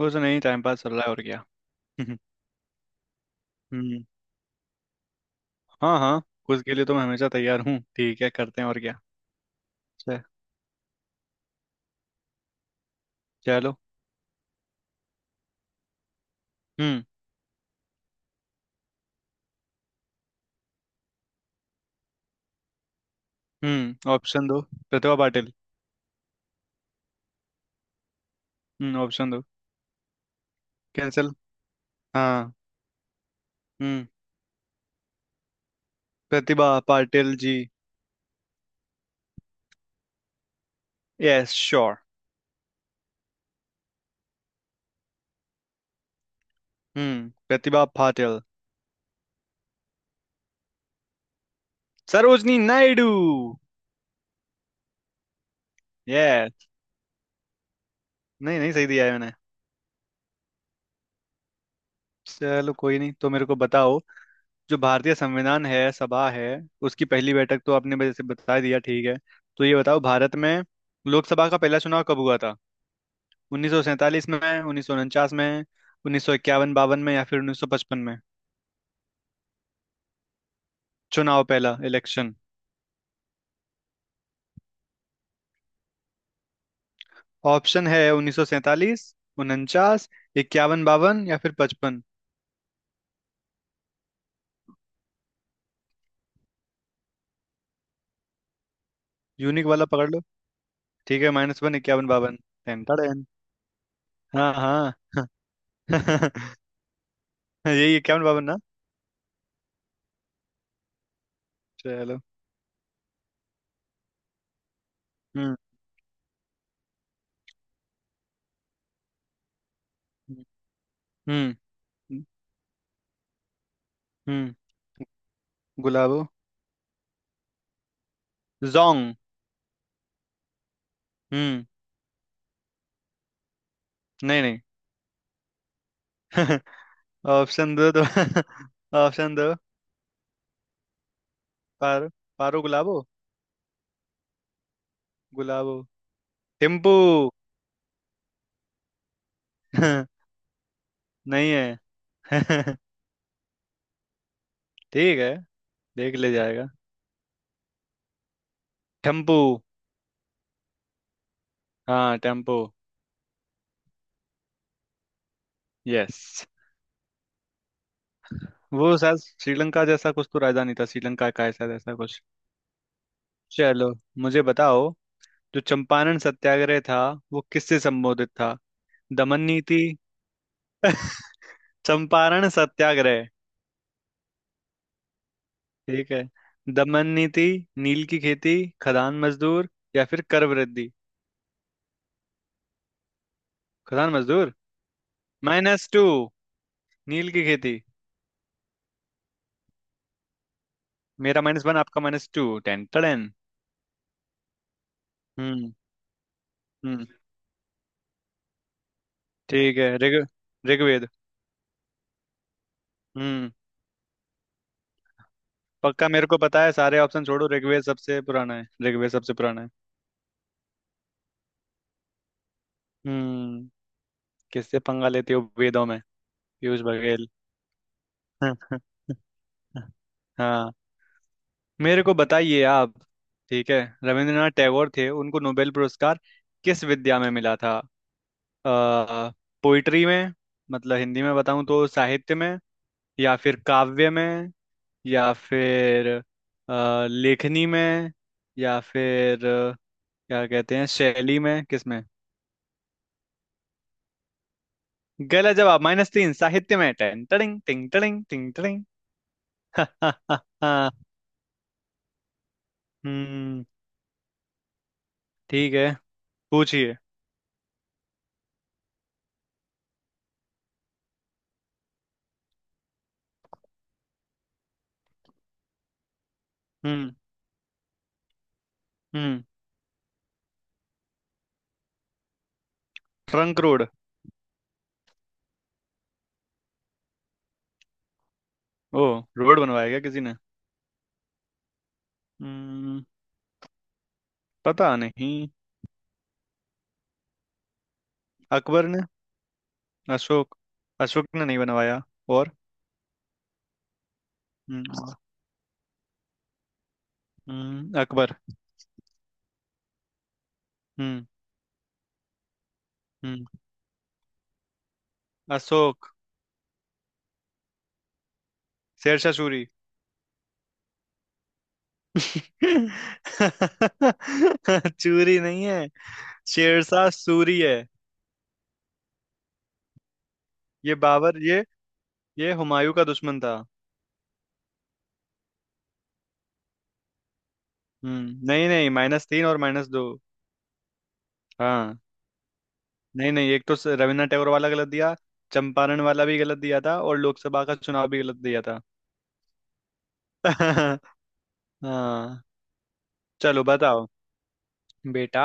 कुछ नहीं, time pass चल रहा है और क्या। हम्म। हाँ हाँ, कुछ के लिए तो मैं हमेशा तैयार हूँ। ठीक है, करते हैं और क्या। च- चलो। हम्म हम्म, ऑप्शन दो प्रतिभा पाटिल। हम्म, ऑप्शन दो। कैंसिल। हाँ। हम्म, प्रतिभा पाटिल जी। Yes, sure. हम्म, प्रतिभा पाटिल। सरोजनी नायडू। यस। नहीं नहीं, सही दिया है मैंने। चलो कोई नहीं, तो मेरे को बताओ। जो भारतीय संविधान है, सभा है, उसकी पहली बैठक तो आपने वैसे बता दिया, ठीक है। तो ये बताओ, भारत में लोकसभा का पहला चुनाव कब हुआ था? 1947 में, उन्नीस सौ उनचास में, उन्नीस सौ इक्यावन बावन में, या फिर 1955 में? चुनाव, पहला इलेक्शन। ऑप्शन है 1947, 49, इक्यावन बावन या फिर पचपन। यूनिक वाला पकड़ लो। ठीक है, माइनस वन। इक्यावन बावन। Ten ten. हाँ हाँ। यही इक्यावन बावन ना। चलो। हम्म हम्म हम्म हम्म, गुलाबो। जोंग। हम्म। नहीं नहीं। ऑप्शन दो तो ऑप्शन दो। पारो। पारो गुलाबो। गुलाबो। थिम्पू। नहीं है। ठीक है, देख ले जाएगा। टेम्पू। हाँ, टेम्पू। यस। वो शायद श्रीलंका जैसा कुछ तो राजधानी था, श्रीलंका का है शायद, ऐसा जैसा कुछ। चलो, मुझे बताओ। जो चंपारण सत्याग्रह था, वो किससे संबोधित था? दमन नीति। चंपारण सत्याग्रह। ठीक है। दमन नीति, नील की खेती, खदान मजदूर, या फिर कर वृद्धि। खदान मजदूर। Minus two. नील की खेती। मेरा माइनस वन, आपका माइनस टू। टेन टन। हम्म हम्म, ठीक है ऋग, ऋग्वेद। हम्म। पक्का मेरे को पता है, सारे ऑप्शन छोड़ो। ऋग्वेद सबसे पुराना है, ऋग्वेद सबसे पुराना है। हम्म। किससे पंगा लेते हो वेदों में। पीयूष बघेल। हाँ। मेरे को बताइए आप। ठीक है। रविंद्रनाथ टैगोर थे, उनको नोबेल पुरस्कार किस विद्या में मिला था? आ, पोइट्री में। मतलब हिंदी में बताऊं तो साहित्य में, या फिर काव्य में, या फिर लेखनी में, या फिर क्या कहते हैं, शैली में? किसमें? गलत जवाब, माइनस तीन, साहित्य में। टेन टड़िंग टिंग टड़िंग टिंग टड़िंग। हम्म, ठीक है पूछिए। हम्म हम्म। Trunk road. ओ, रोड बनवाया क्या किसी ने। हम्म, पता नहीं। अकबर ने। अशोक। अशोक ने नहीं बनवाया। और हम्म, अकबर। हम्म हम्म। अशोक। शेरशाह सूरी। चूरी नहीं है, शेरशाह सूरी है। ये बाबर, ये हुमायूं का दुश्मन था। हम्म, नहीं नहीं, माइनस तीन और माइनस दो। हाँ, नहीं नहीं, एक तो रविन्द्रनाथ टैगोर वाला गलत दिया, चंपारण वाला भी गलत दिया था, और लोकसभा का चुनाव भी गलत दिया था। हाँ। चलो बताओ बेटा,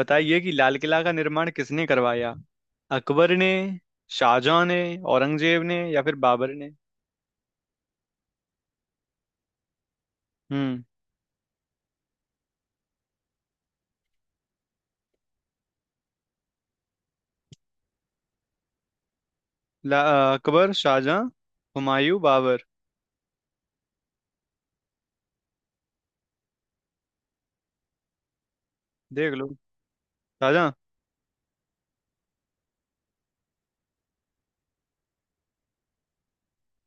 बताइए कि लाल किला का निर्माण किसने करवाया? अकबर ने, शाहजहां ने, औरंगजेब ने, या फिर बाबर ने? हम्म। अकबर, शाहजहां, हुमायूं, बाबर। देख लो। शाहजहां।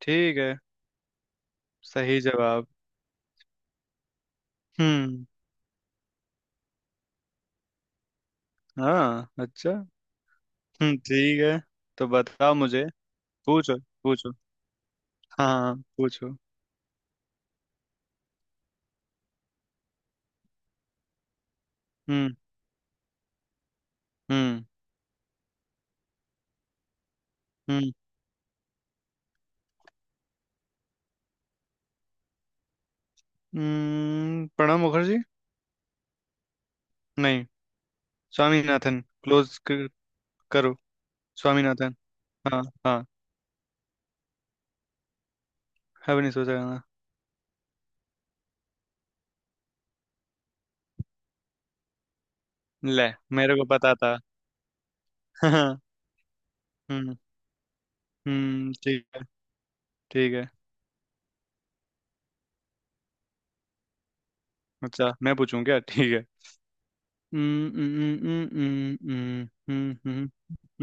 ठीक है, सही जवाब। हम्म। हाँ, अच्छा। हम्म, ठीक है। तो बताओ मुझे। पूछो पूछो, हाँ पूछो। हम्म हम्म हम्म प्रणब मुखर्जी। नहीं। स्वामीनाथन क्लोज करो। स्वामीनाथन। हाँ हाँ। है, नहीं सोचा ना। ले, मेरे को पता था। हम्म। हम्म, ठीक है। ठीक है। अच्छा, मैं पूछूं क्या? ठीक है। हम्म, हम्म, हम्म, हम्म, हम्म, हम्म, हम्म।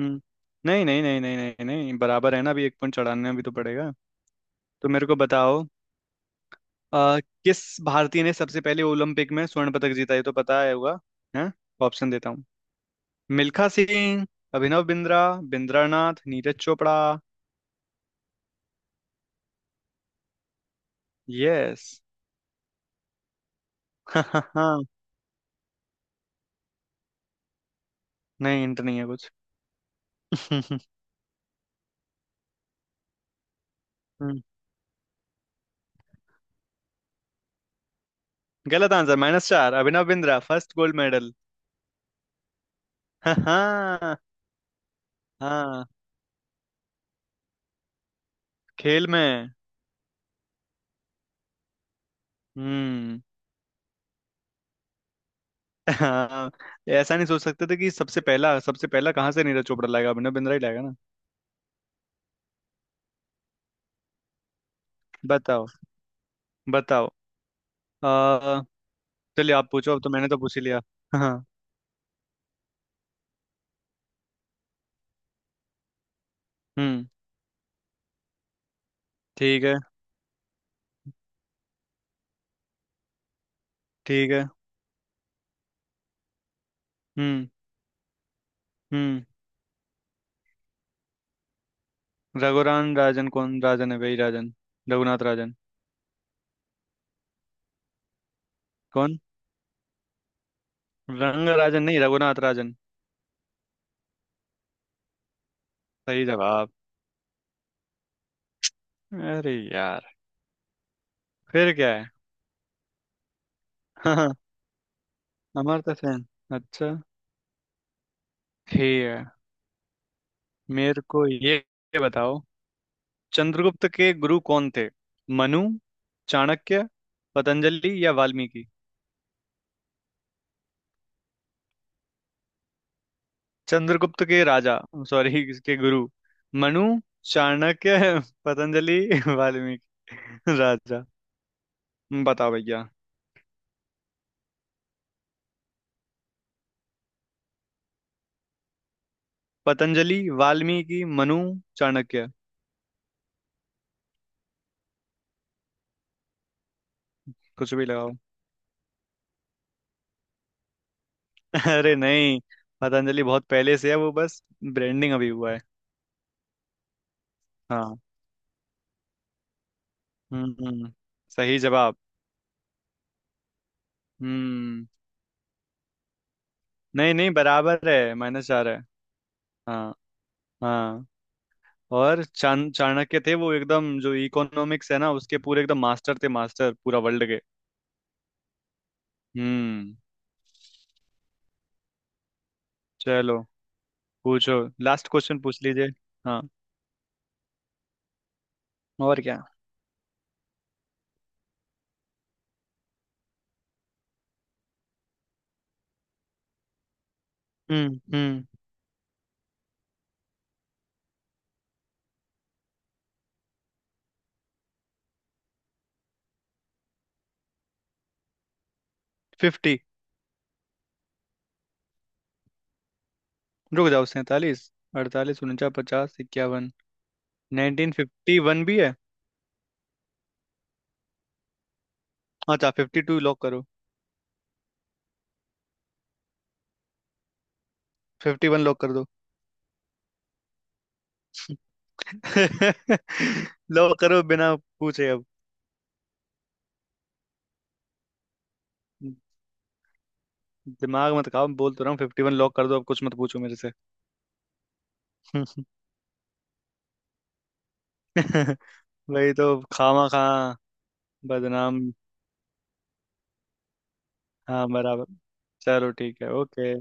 हम्म। नहीं नहीं नहीं नहीं नहीं नहीं, बराबर है ना, अभी एक पॉइंट चढ़ाने भी तो पड़ेगा। तो मेरे को बताओ, आ, किस भारतीय ने सबसे पहले ओलंपिक में स्वर्ण पदक जीता? ये तो पता है होगा। हैं, ऑप्शन देता हूँ। मिल्खा सिंह, अभिनव बिंद्रा, बिंद्रा नाथ, नीरज चोपड़ा। यस। नहीं, इंट नहीं है कुछ। हम्म। गलत आंसर, माइनस चार, Abhinav Bindra first gold medal. हाँ हाँ। हाँ, खेल में। हम्म। हाँ, ऐसा नहीं सोच सकते थे कि सबसे पहला, सबसे पहला कहाँ से नीरज चोपड़ा लाएगा, अभिनव बिंद्रा ही लाएगा ना। बताओ बताओ, आ, चलिए आप पूछो, अब तो मैंने तो पूछ ही लिया। हाँ। हम्म, ठीक है। ठीक है। हम्म हम्म। रघुराम राजन, कौन राजन है, वही राजन। रघुनाथ राजन। कौन। रंग राजन नहीं, रघुनाथ राजन। सही जवाब। अरे यार, फिर क्या है। हाँ, अमर्त्य सेन। अच्छा, ठीक है। मेरे को ये बताओ, चंद्रगुप्त के गुरु कौन थे? मनु, चाणक्य, पतंजलि या वाल्मीकि? चंद्रगुप्त के राजा, सॉरी, इसके गुरु। मनु, चाणक्य, पतंजलि, वाल्मीकि। राजा। बताओ भैया। पतंजलि, वाल्मीकि, मनु, चाणक्य। कुछ भी लगाओ। अरे नहीं, पतंजलि बहुत पहले से है, वो बस ब्रांडिंग अभी हुआ है। हाँ। हम्म, सही जवाब। हम्म, नहीं नहीं, बराबर है, माइनस चार है। हाँ हाँ। और चाणक्य थे, वो एकदम जो इकोनॉमिक्स है ना, उसके पूरे एकदम मास्टर थे, मास्टर पूरा वर्ल्ड के। हम्म। चलो पूछो, लास्ट क्वेश्चन पूछ लीजिए। हाँ, और क्या। हम्म। फिफ्टी। रुक जाओ, सैंतालीस, अड़तालीस, उनचास, पचास, इक्यावन। 1951 भी है। अच्छा, फिफ्टी टू लॉक करो। फिफ्टी वन लॉक कर दो। लॉक करो बिना पूछे। अब दिमाग मत खाओ, बोल तो रहा हूँ, फिफ्टी वन लॉक कर दो, अब कुछ मत पूछो मेरे से। वही तो। खामा खा बदनाम। हाँ बराबर। चलो ठीक है, ओके।